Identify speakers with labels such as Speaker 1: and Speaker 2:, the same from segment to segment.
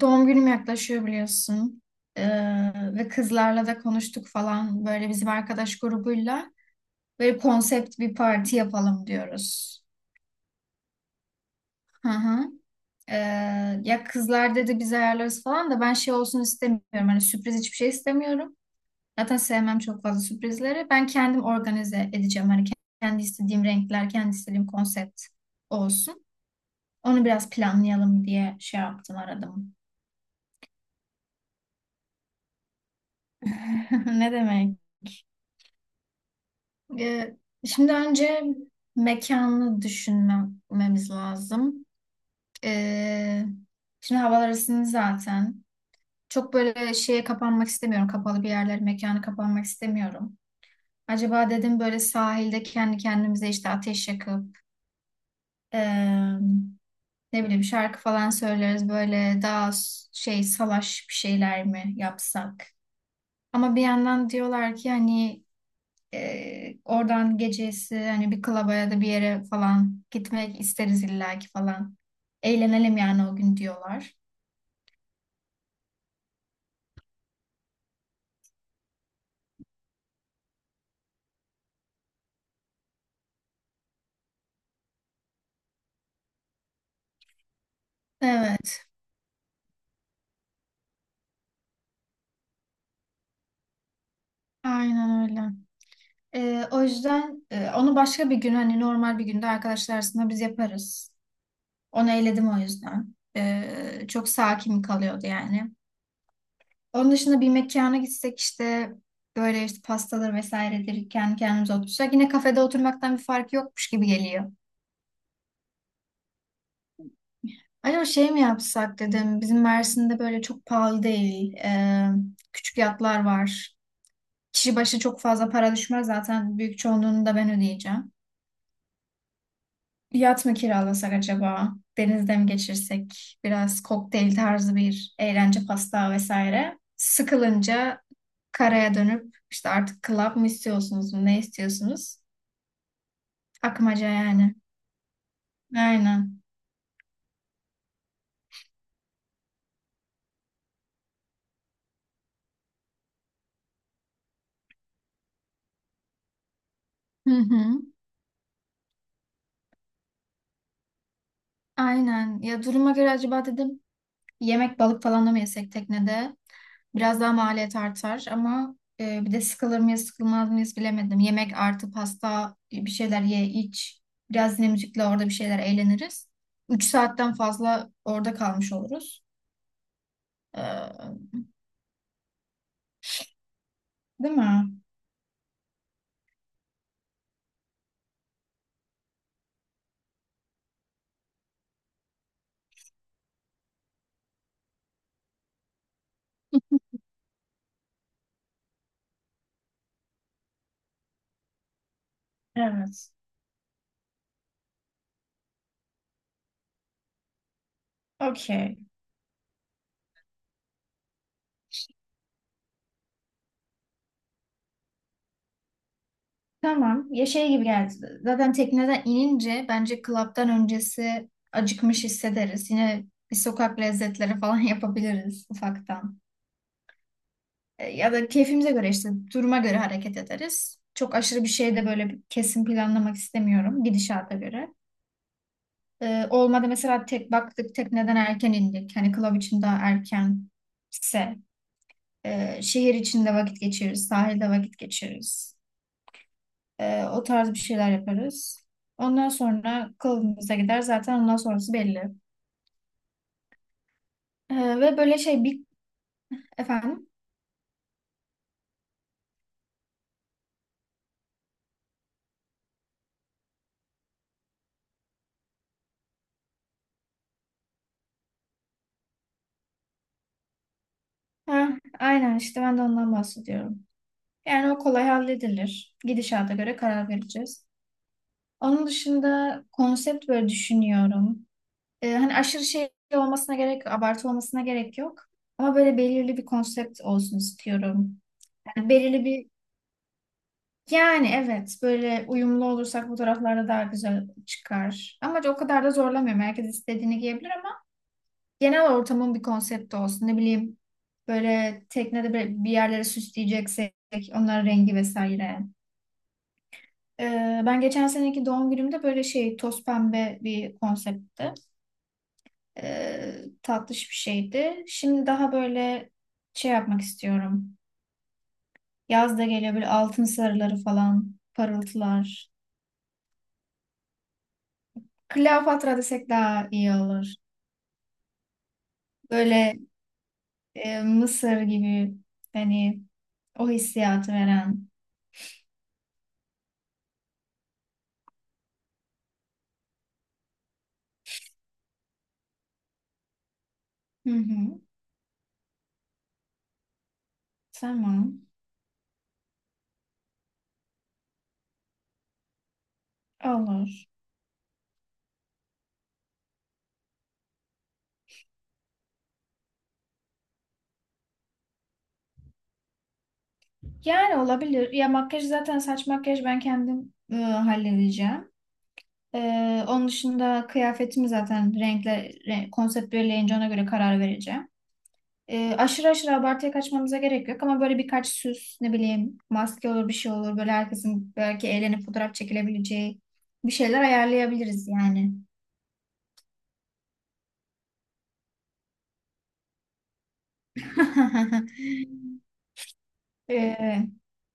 Speaker 1: Doğum günüm yaklaşıyor biliyorsun. Ve kızlarla da konuştuk falan böyle bizim arkadaş grubuyla. Böyle konsept bir parti yapalım diyoruz. Hı hı. Ee, Ya kızlar dedi biz ayarlarız falan da ben şey olsun istemiyorum. Hani sürpriz hiçbir şey istemiyorum. Zaten sevmem çok fazla sürprizleri. Ben kendim organize edeceğim. Hani kendi istediğim renkler, kendi istediğim konsept olsun. Onu biraz planlayalım diye şey yaptım, aradım. Ne demek? Ee, şimdi önce mekanı düşünmemiz lazım. Ee, şimdi havalar ısındı zaten. Çok böyle şeye kapanmak istemiyorum. Kapalı bir yerler mekanı kapanmak istemiyorum. Acaba dedim böyle sahilde kendi kendimize işte ateş yakıp eee, ne bileyim şarkı falan söyleriz. Böyle daha şey salaş bir şeyler mi yapsak? Ama bir yandan diyorlar ki hani oradan gecesi hani bir klaba ya da bir yere falan gitmek isteriz illaki falan. Eğlenelim yani o gün diyorlar. Evet, aynen öyle. O yüzden onu başka bir gün hani normal bir günde arkadaşlar arasında biz yaparız. Onu eyledim o yüzden. Çok sakin kalıyordu yani. Onun dışında bir mekana gitsek işte böyle işte pastalar vesairedir kendi kendimize otursak yine kafede oturmaktan bir fark yokmuş gibi geliyor. Acaba şey mi yapsak dedim. Bizim Mersin'de böyle çok pahalı değil. Küçük yatlar var. Kişi başı çok fazla para düşmez. Zaten büyük çoğunluğunu da ben ödeyeceğim. Yat mı kiralasak acaba? Denizde mi geçirsek? Biraz kokteyl tarzı bir eğlence pasta vesaire. Sıkılınca karaya dönüp işte artık club mı istiyorsunuz mu? Ne istiyorsunuz? Akmaca yani. Aynen. Hı hı. Aynen. Ya duruma göre acaba dedim yemek balık falan da mı yesek teknede? Biraz daha maliyet artar ama bir de sıkılır mıyız sıkılmaz mıyız bilemedim. Yemek artı pasta bir şeyler ye iç. Biraz yine müzikle orada bir şeyler eğleniriz. Üç saatten fazla orada kalmış oluruz. Ee, değil mi? Evet. Okey. Tamam. Ya şey gibi geldi. Zaten tekneden inince bence klaptan öncesi acıkmış hissederiz. Yine bir sokak lezzetleri falan yapabiliriz ufaktan. E, ya da keyfimize göre işte duruma göre hareket ederiz. Çok aşırı bir şey de böyle bir kesin planlamak istemiyorum gidişata göre. E, olmadı mesela tek baktık tekneden erken indik. Hani club için daha erkense şehir içinde vakit geçiririz, sahilde vakit geçiririz. E, o tarz bir şeyler yaparız. Ondan sonra club'ımıza gider zaten ondan sonrası belli. E, ve böyle şey bir efendim. Ha, aynen işte ben de ondan bahsediyorum. Yani o kolay halledilir. Gidişata göre karar vereceğiz. Onun dışında konsept böyle düşünüyorum. Hani aşırı şey olmasına gerek abartı olmasına gerek yok. Ama böyle belirli bir konsept olsun istiyorum. Yani belirli bir yani evet böyle uyumlu olursak fotoğraflarda daha güzel çıkar. Ama o kadar da zorlamıyorum. Herkes istediğini giyebilir ama genel ortamın bir konsepti olsun. Ne bileyim böyle teknede bir yerlere süsleyeceksek onların rengi vesaire. Ben geçen seneki doğum günümde böyle şey toz pembe bir konseptti. E, tatlış bir şeydi. Şimdi daha böyle şey yapmak istiyorum. Yaz da geliyor böyle altın sarıları falan, parıltılar. Kleopatra desek daha iyi olur. Böyle Mısır gibi hani o hissiyatı veren. Hı hı. Tamam. Olur. Yani olabilir. Ya makyaj zaten saç makyaj ben kendim halledeceğim. E, onun dışında kıyafetimi zaten renkle konsept belirleyince ona göre karar vereceğim. E, aşırı aşırı abartıya kaçmamıza gerek yok ama böyle birkaç süs ne bileyim maske olur bir şey olur böyle herkesin belki eğlenip fotoğraf çekilebileceği bir şeyler ayarlayabiliriz yani. E,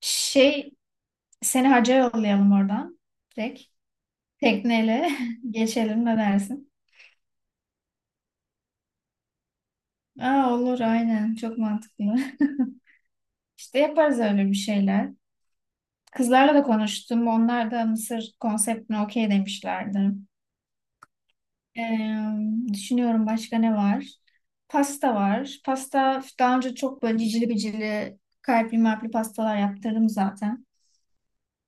Speaker 1: şey seni hacca yollayalım oradan direkt tekneyle geçelim ne dersin? Aa, olur aynen çok mantıklı. İşte yaparız öyle bir şeyler. Kızlarla da konuştum. Onlar da Mısır konseptine okey demişlerdi. Ee, düşünüyorum başka ne var? Pasta var. Pasta daha önce çok böyle cicili bicili kalpli malpli pastalar yaptırdım zaten.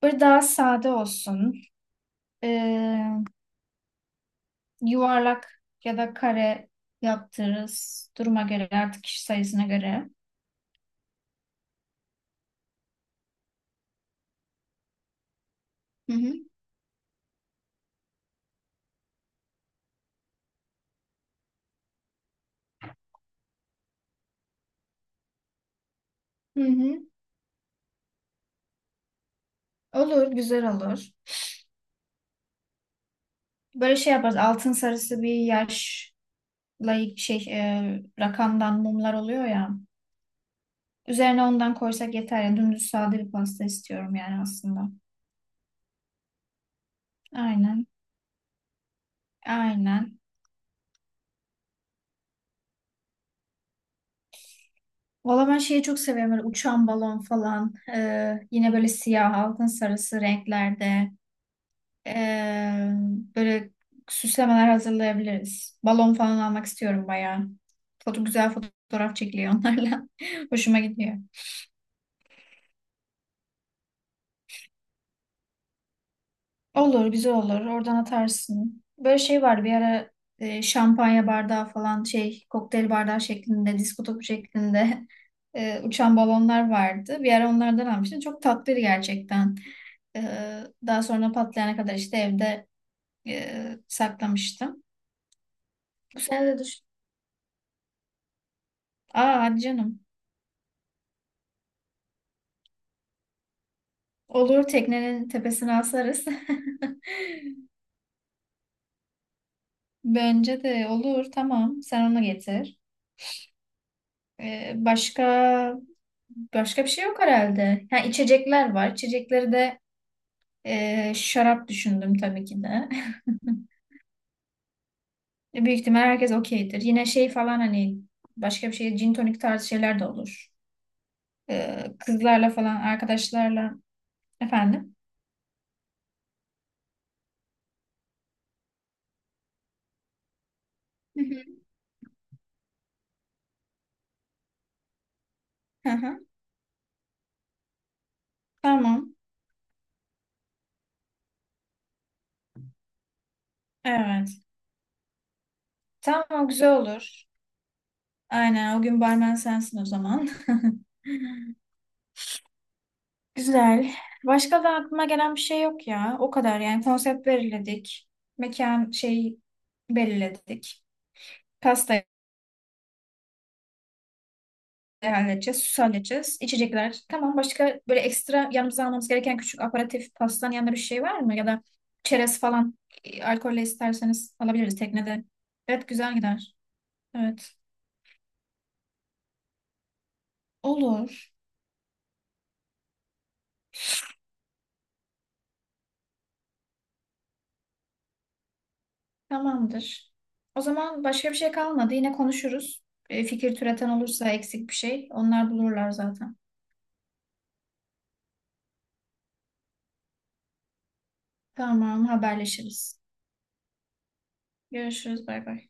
Speaker 1: Böyle daha sade olsun. Ee, yuvarlak ya da kare yaptırırız. Duruma göre artık kişi sayısına göre. Hı hı. Hı hı. Olur, güzel olur. Böyle şey yaparız. Altın sarısı bir yaşla şey rakamdan mumlar oluyor ya. Üzerine ondan koysak yeter ya. Dümdüz sade bir pasta istiyorum yani aslında. Aynen. Aynen. Valla ben şeyi çok seviyorum. Böyle uçan balon falan. Yine böyle siyah, altın sarısı renklerde. Ee, böyle süslemeler hazırlayabiliriz. Balon falan almak istiyorum bayağı. Foto, güzel fotoğraf çekiliyor onlarla. Hoşuma gidiyor. Olur, güzel olur. Oradan atarsın. Böyle şey var bir ara şampanya bardağı falan şey kokteyl bardağı şeklinde, disko topu şeklinde e, uçan balonlar vardı. Bir ara onlardan almıştım. Çok tatlıydı gerçekten. E, daha sonra patlayana kadar işte evde saklamıştım. Bu sene de düş. Aa hadi canım. Olur teknenin tepesine asarız. Bence de olur tamam. Sen onu getir. E, başka başka bir şey yok herhalde. Ha, içecekler var. İçecekleri de şarap düşündüm tabii ki de. Büyük ihtimal herkes okeydir. Yine şey falan hani başka bir şey gin tonik tarzı şeyler de olur. E, kızlarla falan arkadaşlarla efendim. Hı hı. Hı hı. Tamam. Evet. Tamam güzel olur. Aynen o gün barmen sensin o zaman. Güzel. Başka da aklıma gelen bir şey yok ya. O kadar yani konsept belirledik. Mekan şey belirledik. Pastayı halledeceğiz, süsü halledeceğiz, içecekler. Tamam başka böyle ekstra yanımıza almamız gereken küçük aperatif pastanın yanında bir şey var mı? Ya da çerez falan alkolle isterseniz alabiliriz teknede. Evet güzel gider. Evet. Olur. Tamamdır. O zaman başka bir şey kalmadı. Yine konuşuruz. E, fikir türeten olursa eksik bir şey onlar bulurlar zaten. Tamam haberleşiriz. Görüşürüz. Bay bay.